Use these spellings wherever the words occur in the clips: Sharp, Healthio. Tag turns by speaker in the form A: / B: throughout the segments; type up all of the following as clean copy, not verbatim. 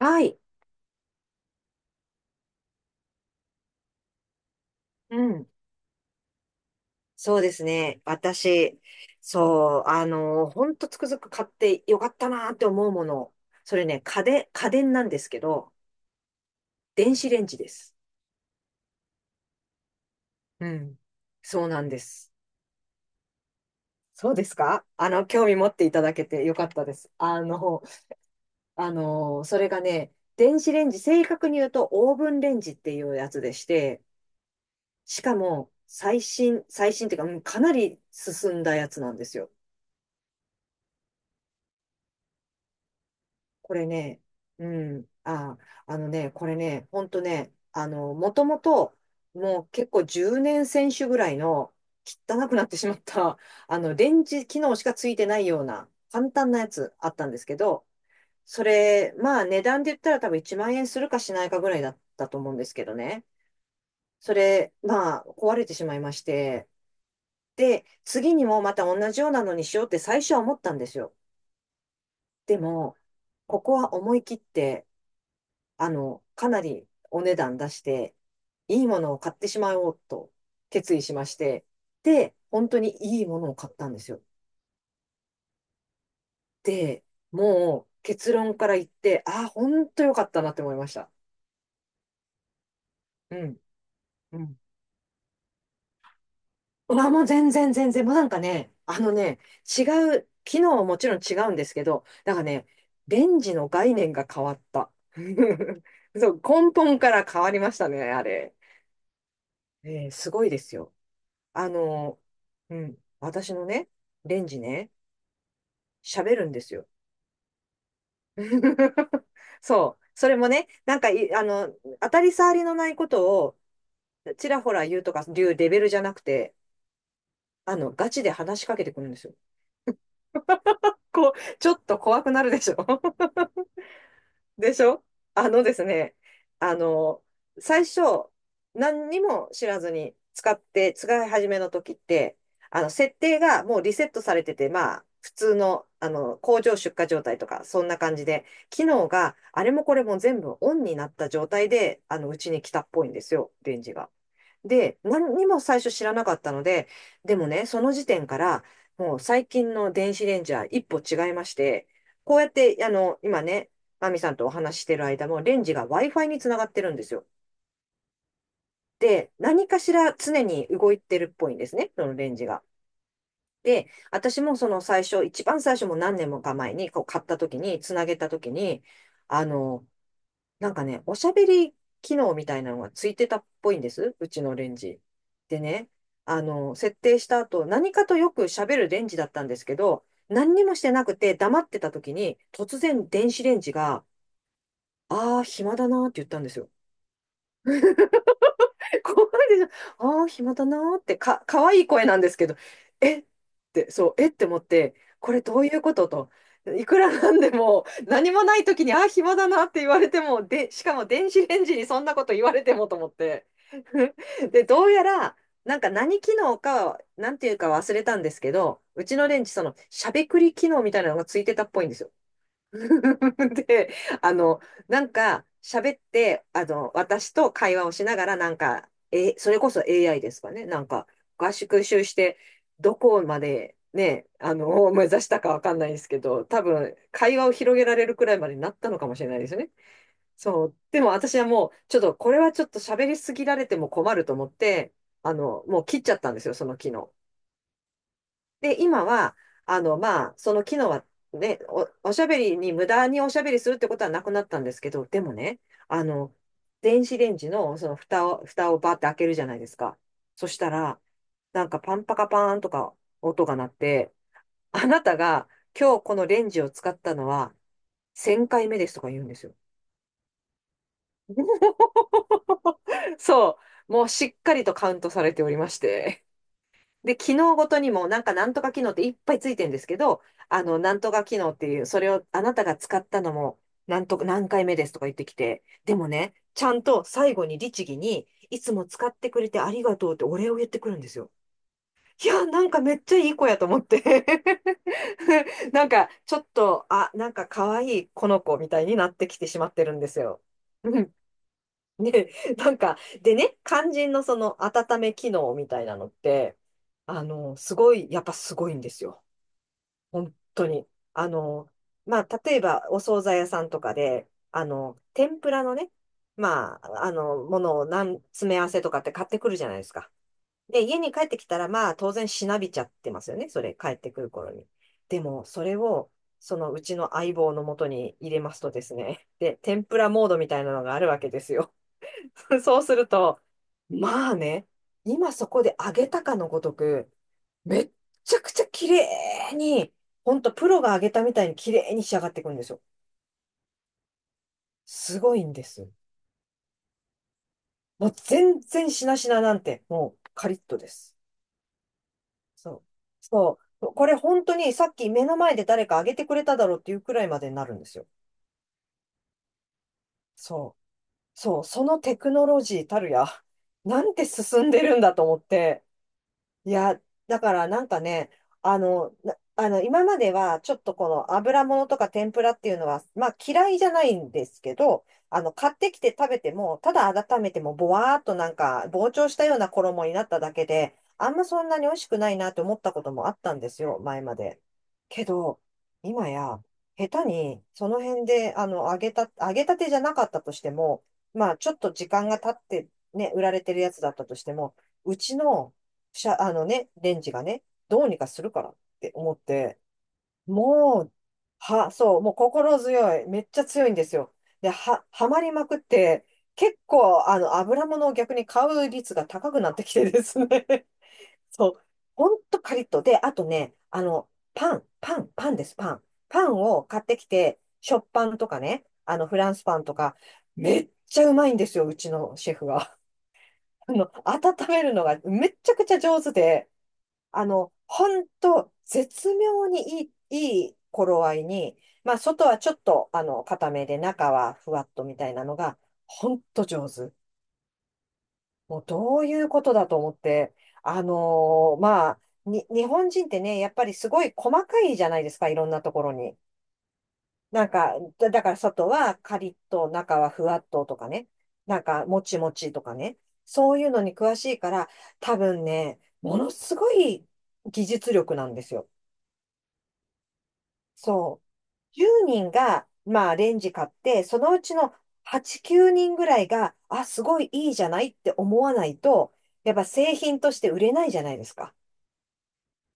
A: はい。うん。そうですね。私、ほんとつくづく買ってよかったなーって思うもの。それね、家電なんですけど、電子レンジです。うん。そうなんです。そうですか。興味持っていただけてよかったです。それがね、電子レンジ、正確に言うとオーブンレンジっていうやつでして、しかも、最新っていうか、かなり進んだやつなんですよ。これね、うん、あ、これね、ほんとね、もともと、もう結構10年選手ぐらいの汚くなってしまった、レンジ機能しかついてないような簡単なやつあったんですけど、それ、まあ値段で言ったら多分1万円するかしないかぐらいだったと思うんですけどね。それ、まあ壊れてしまいまして、で、次にもまた同じようなのにしようって最初は思ったんですよ。でも、ここは思い切って、かなりお値段出して、いいものを買ってしまおうと決意しまして、で、本当にいいものを買ったんですよ。で、もう結論から言って、本当良かったなって思いました。うん。うん。うわ、全然全然、もうなんかね、あのね、違機能はもちろん違うんですけど、なんかね、レンジの概念が変わった。そう、根本から変わりましたね、あれ。すごいですよ。あの、うん、私のね、レンジね、喋るんですよ。そう。それもね、なんかい、あの、当たり障りのないことをちらほら言うとかいうレベルじゃなくて、ガチで話しかけてくるんですよ。こう、ちょっと怖くなるでしょ。でしょ。あのですね、あの、最初、何にも知らずに使って、使い始めの時って、設定がもうリセットされてて、まあ、普通の、工場出荷状態とか、そんな感じで、機能があれもこれも全部オンになった状態で、うちに来たっぽいんですよ、レンジが。で、何にも最初知らなかったので、でもね、その時点から、もう最近の電子レンジは一歩違いまして、こうやって、今ね、マミさんとお話ししてる間も、レンジが Wi-Fi につながってるんですよ。で、何かしら常に動いてるっぽいんですね、そのレンジが。で、私もその最初、一番最初も何年もか前にこう買った時に、つなげた時に、あの、なんかね、おしゃべり機能みたいなのがついてたっぽいんです、うちのレンジ。でね、設定した後、何かとよくしゃべるレンジだったんですけど、何にもしてなくて黙ってた時に、突然電子レンジが、ああ、暇だなーって言ったんですよ。怖いでしょ。ああ、暇だなーって、可愛い声なんですけど、えっえって思って、これどういうことと。いくらなんでも、何もない時に、ああ、暇だなって言われても、で、しかも電子レンジにそんなこと言われてもと思って。で、どうやら、なんか何機能か、なんていうか忘れたんですけど、うちのレンジ、その、しゃべくり機能みたいなのがついてたっぽいんですよ。で、あの、なんか、喋って、あの、私と会話をしながら、なんか、え、それこそ AI ですかね。なんか、合宿習して、どこまで、ね、あの、を目指したかわかんないですけど、多分、会話を広げられるくらいまでになったのかもしれないですね。そう。でも私はもう、ちょっと、これはちょっと喋りすぎられても困ると思って、もう切っちゃったんですよ、その昨日。で、今は、その機能はね、おしゃべりに、無駄におしゃべりするってことはなくなったんですけど、でもね、あの、電子レンジのその蓋をバーって開けるじゃないですか。そしたら、なんかパンパカパーンとか音が鳴って、あなたが今日このレンジを使ったのは1000回目ですとか言うんですよ。そう。もうしっかりとカウントされておりまして。で、機能ごとにも、なんかなんとか機能っていっぱいついてるんですけど、なんとか機能っていう、それをあなたが使ったのも、なんと何回目ですとか言ってきて、でもね、ちゃんと最後に律儀に、いつも使ってくれてありがとうってお礼を言ってくるんですよ。いや、なんかめっちゃいい子やと思って なんか、ちょっと、あ、なんか可愛いこの子みたいになってきてしまってるんですよ。うん。ね、でね、肝心のその温め機能みたいなのって、あの、すごい、やっぱすごいんですよ。本当に。あの、例えば、お惣菜屋さんとかで、天ぷらのね、ものを何、詰め合わせとかって買ってくるじゃないですか。で、家に帰ってきたら、まあ、当然しなびちゃってますよね。それ、帰ってくる頃に。でも、それを、そのうちの相棒のもとに入れますとですね、で、天ぷらモードみたいなのがあるわけですよ。そうすると、まあね、今そこで上げたかのごとく、めっちゃくちゃ綺麗に、ほんとプロが上げたみたいに綺麗に仕上がっていくんですよ。すごいんです。もう全然しなしななんて、もうカリッとです。そう。そう。これ本当にさっき目の前で誰か上げてくれただろうっていうくらいまでになるんですよ。そう。そう。そのテクノロジーたるや、なんて進んでるんだと思って、いや、だからなんかね、あの、なあの、今まではちょっとこの油物とか天ぷらっていうのは、まあ嫌いじゃないんですけど、買ってきて食べても、ただ温めてもぼわーっとなんか膨張したような衣になっただけで、あんまそんなに美味しくないなって思ったこともあったんですよ、前まで。けど、今や、下手にその辺で、揚げたてじゃなかったとしても、まあちょっと時間が経ってね、売られてるやつだったとしても、うちのしゃ、あのね、レンジがね、どうにかするからって思って、もう、は、そう、もう心強い。めっちゃ強いんですよ。で、はまりまくって、結構、油物を逆に買う率が高くなってきてですね。そう、ほんとカリッと。で、あとね、パンです、パン。パンを買ってきて、食パンとかね、フランスパンとか、めっちゃうまいんですよ、うちのシェフは。 温めるのがめっちゃくちゃ上手で、ほんと、絶妙にいい頃合いに、まあ、外はちょっと、固めで、中はふわっとみたいなのが、ほんと上手。もう、どういうことだと思って、あのーまあ、日本人ってね、やっぱりすごい細かいじゃないですか、いろんなところに。なんか、だから外はカリッと、中はふわっととかね、なんか、もちもちとかね、そういうのに詳しいから、多分ね、ものすごい技術力なんですよ。そう。10人が、まあ、レンジ買って、そのうちの8、9人ぐらいが、あ、すごいいいじゃないって思わないと、やっぱ製品として売れないじゃないですか。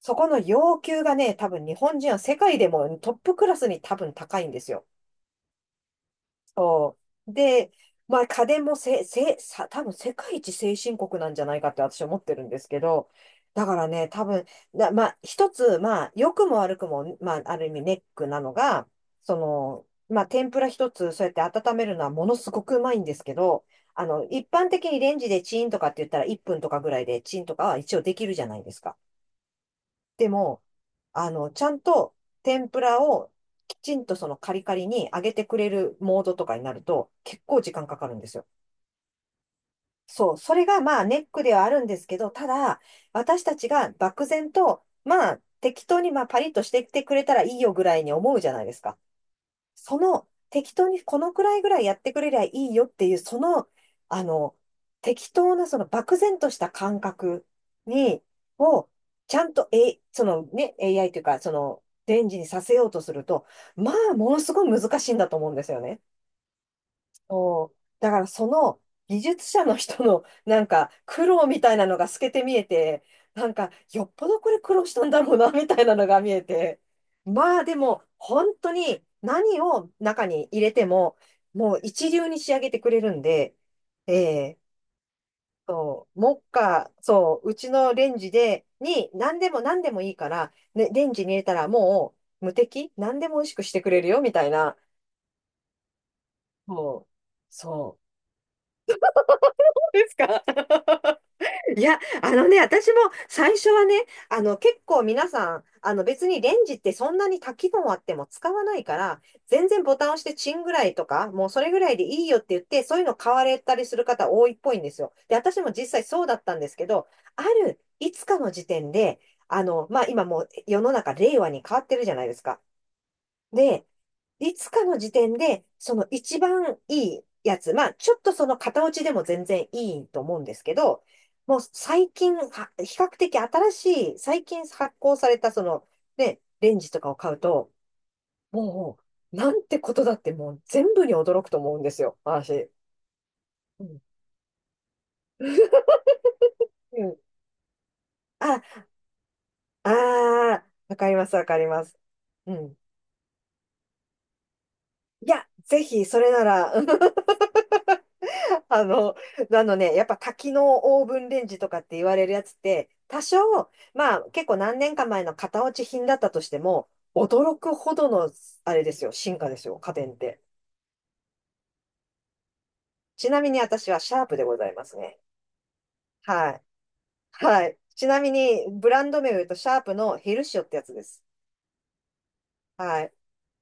A: そこの要求がね、多分日本人は世界でもトップクラスに多分高いんですよ。そう。で、まあ家電もせ、せ、さ、多分世界一先進国なんじゃないかって私は思ってるんですけど、だからね、多分、まあ一つ、まあ良くも悪くも、まあある意味ネックなのが、その、まあ天ぷら一つそうやって温めるのはものすごくうまいんですけど、あの、一般的にレンジでチンとかって言ったら1分とかぐらいでチンとかは一応できるじゃないですか。でも、あの、ちゃんと天ぷらをきちんとそのカリカリに揚げてくれるモードとかになると結構時間かかるんですよ。そう、それがまあネックではあるんですけど、ただ私たちが漠然とまあ適当にまあパリッとしてきてくれたらいいよぐらいに思うじゃないですか。その適当にこのくらいぐらいやってくれりゃいいよっていう、その、あの、適当なその漠然とした感覚に、を、ちゃんと、え、そのね、AI というか、その、電磁にさせようとすると、まあ、ものすごい難しいんだと思うんですよね。そう。だからその技術者の人のなんか苦労みたいなのが透けて見えて、なんかよっぽどこれ苦労したんだろうなみたいなのが見えて。まあでも本当に何を中に入れてももう一流に仕上げてくれるんで、ええ、そう、目下、そう、うちのレンジで、に何でもいいから、ね、レンジに入れたらもう無敵、何でも美味しくしてくれるよみたいな。そう、そう。ですか。いや、あのね、私も最初はね、あの、結構皆さん、あの、別にレンジってそんなに多機能あっても使わないから、全然ボタン押してチンぐらいとか、もうそれぐらいでいいよって言って、そういうの買われたりする方多いっぽいんですよ。で、私も実際そうだったんですけど、ある、いつかの時点で、あの、まあ、今もう世の中令和に変わってるじゃないですか。で、いつかの時点で、その一番いいやつ、まあ、ちょっとその型落ちでも全然いいと思うんですけど、もう最近、比較的新しい、最近発行されたその、ね、レンジとかを買うと、もう、なんてことだってもう全部に驚くと思うんですよ、私。うん。うん。あ、あー、わかります、わかります。うん。いや、ぜひ、それなら、あの、あのね、やっぱ多機能オーブンレンジとかって言われるやつって、多少、まあ結構何年か前の型落ち品だったとしても、驚くほどの、あれですよ、進化ですよ、家電って。ちなみに私はシャープでございますね。はい。はい。ちなみに、ブランド名を言うと、シャープのヘルシオってやつです。はい。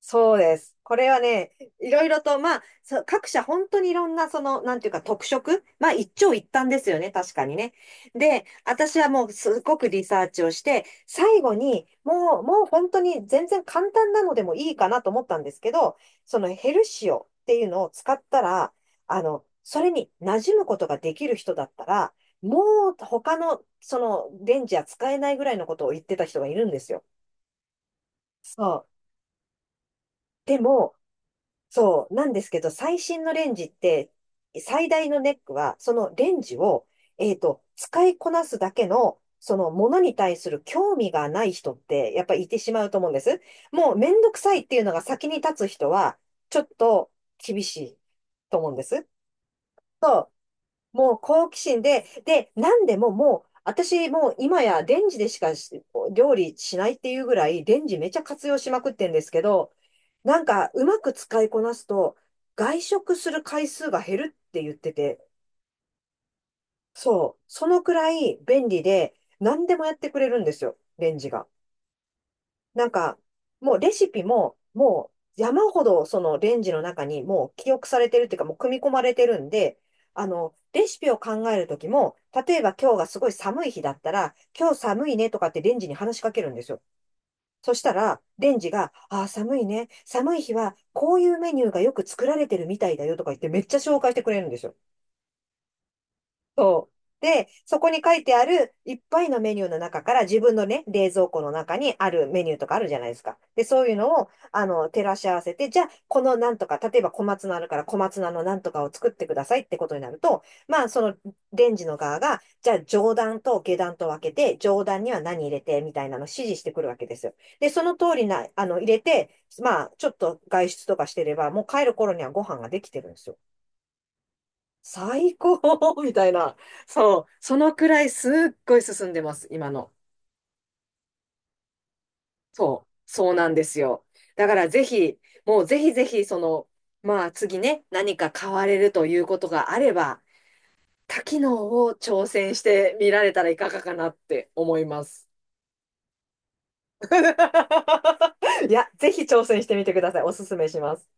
A: そうです。これはね、いろいろと、まあ、そう各社本当にいろんな、その、なんていうか特色、まあ、一長一短ですよね、確かにね。で、私はもうすごくリサーチをして、最後に、もう、もう本当に全然簡単なのでもいいかなと思ったんですけど、そのヘルシオっていうのを使ったら、あの、それに馴染むことができる人だったら、もう他の、その、レンジは使えないぐらいのことを言ってた人がいるんですよ。そう。でも、そう、なんですけど、最新のレンジって、最大のネックは、そのレンジを、えっと、使いこなすだけの、そのものに対する興味がない人って、やっぱりいてしまうと思うんです。もうめんどくさいっていうのが先に立つ人は、ちょっと厳しいと思うんです。もう好奇心で、で、なんでももう、私もう今やレンジでしかし料理しないっていうぐらい、レンジめちゃ活用しまくってんですけど、なんかうまく使いこなすと、外食する回数が減るって言ってて、そう、そのくらい便利で、何でもやってくれるんですよ、レンジが。なんか、もうレシピも、もう山ほどそのレンジの中にもう記憶されてるっていうか、もう組み込まれてるんで、あの、レシピを考えるときも、例えば今日がすごい寒い日だったら、今日寒いねとかってレンジに話しかけるんですよ。そしたら、レンジが、ああ、寒いね。寒い日は、こういうメニューがよく作られてるみたいだよとか言ってめっちゃ紹介してくれるんですよ。そう。で、そこに書いてあるいっぱいのメニューの中から自分のね、冷蔵庫の中にあるメニューとかあるじゃないですか。で、そういうのを、あの、照らし合わせて、じゃあ、このなんとか、例えば小松菜あるから小松菜のなんとかを作ってくださいってことになると、まあ、そのレンジの側が、じゃあ、上段と下段と分けて、上段には何入れて、みたいなのを指示してくるわけですよ。で、その通りな、あの、入れて、まあ、ちょっと外出とかしてれば、もう帰る頃にはご飯ができてるんですよ。最高 みたいな。そう。そのくらいすっごい進んでます、今の。そう。そうなんですよ。だからぜひ、もうぜひぜひ、その、まあ次ね、何か買われるということがあれば、多機能を挑戦してみられたらいかがかなって思います。いや、ぜひ挑戦してみてください。おすすめします。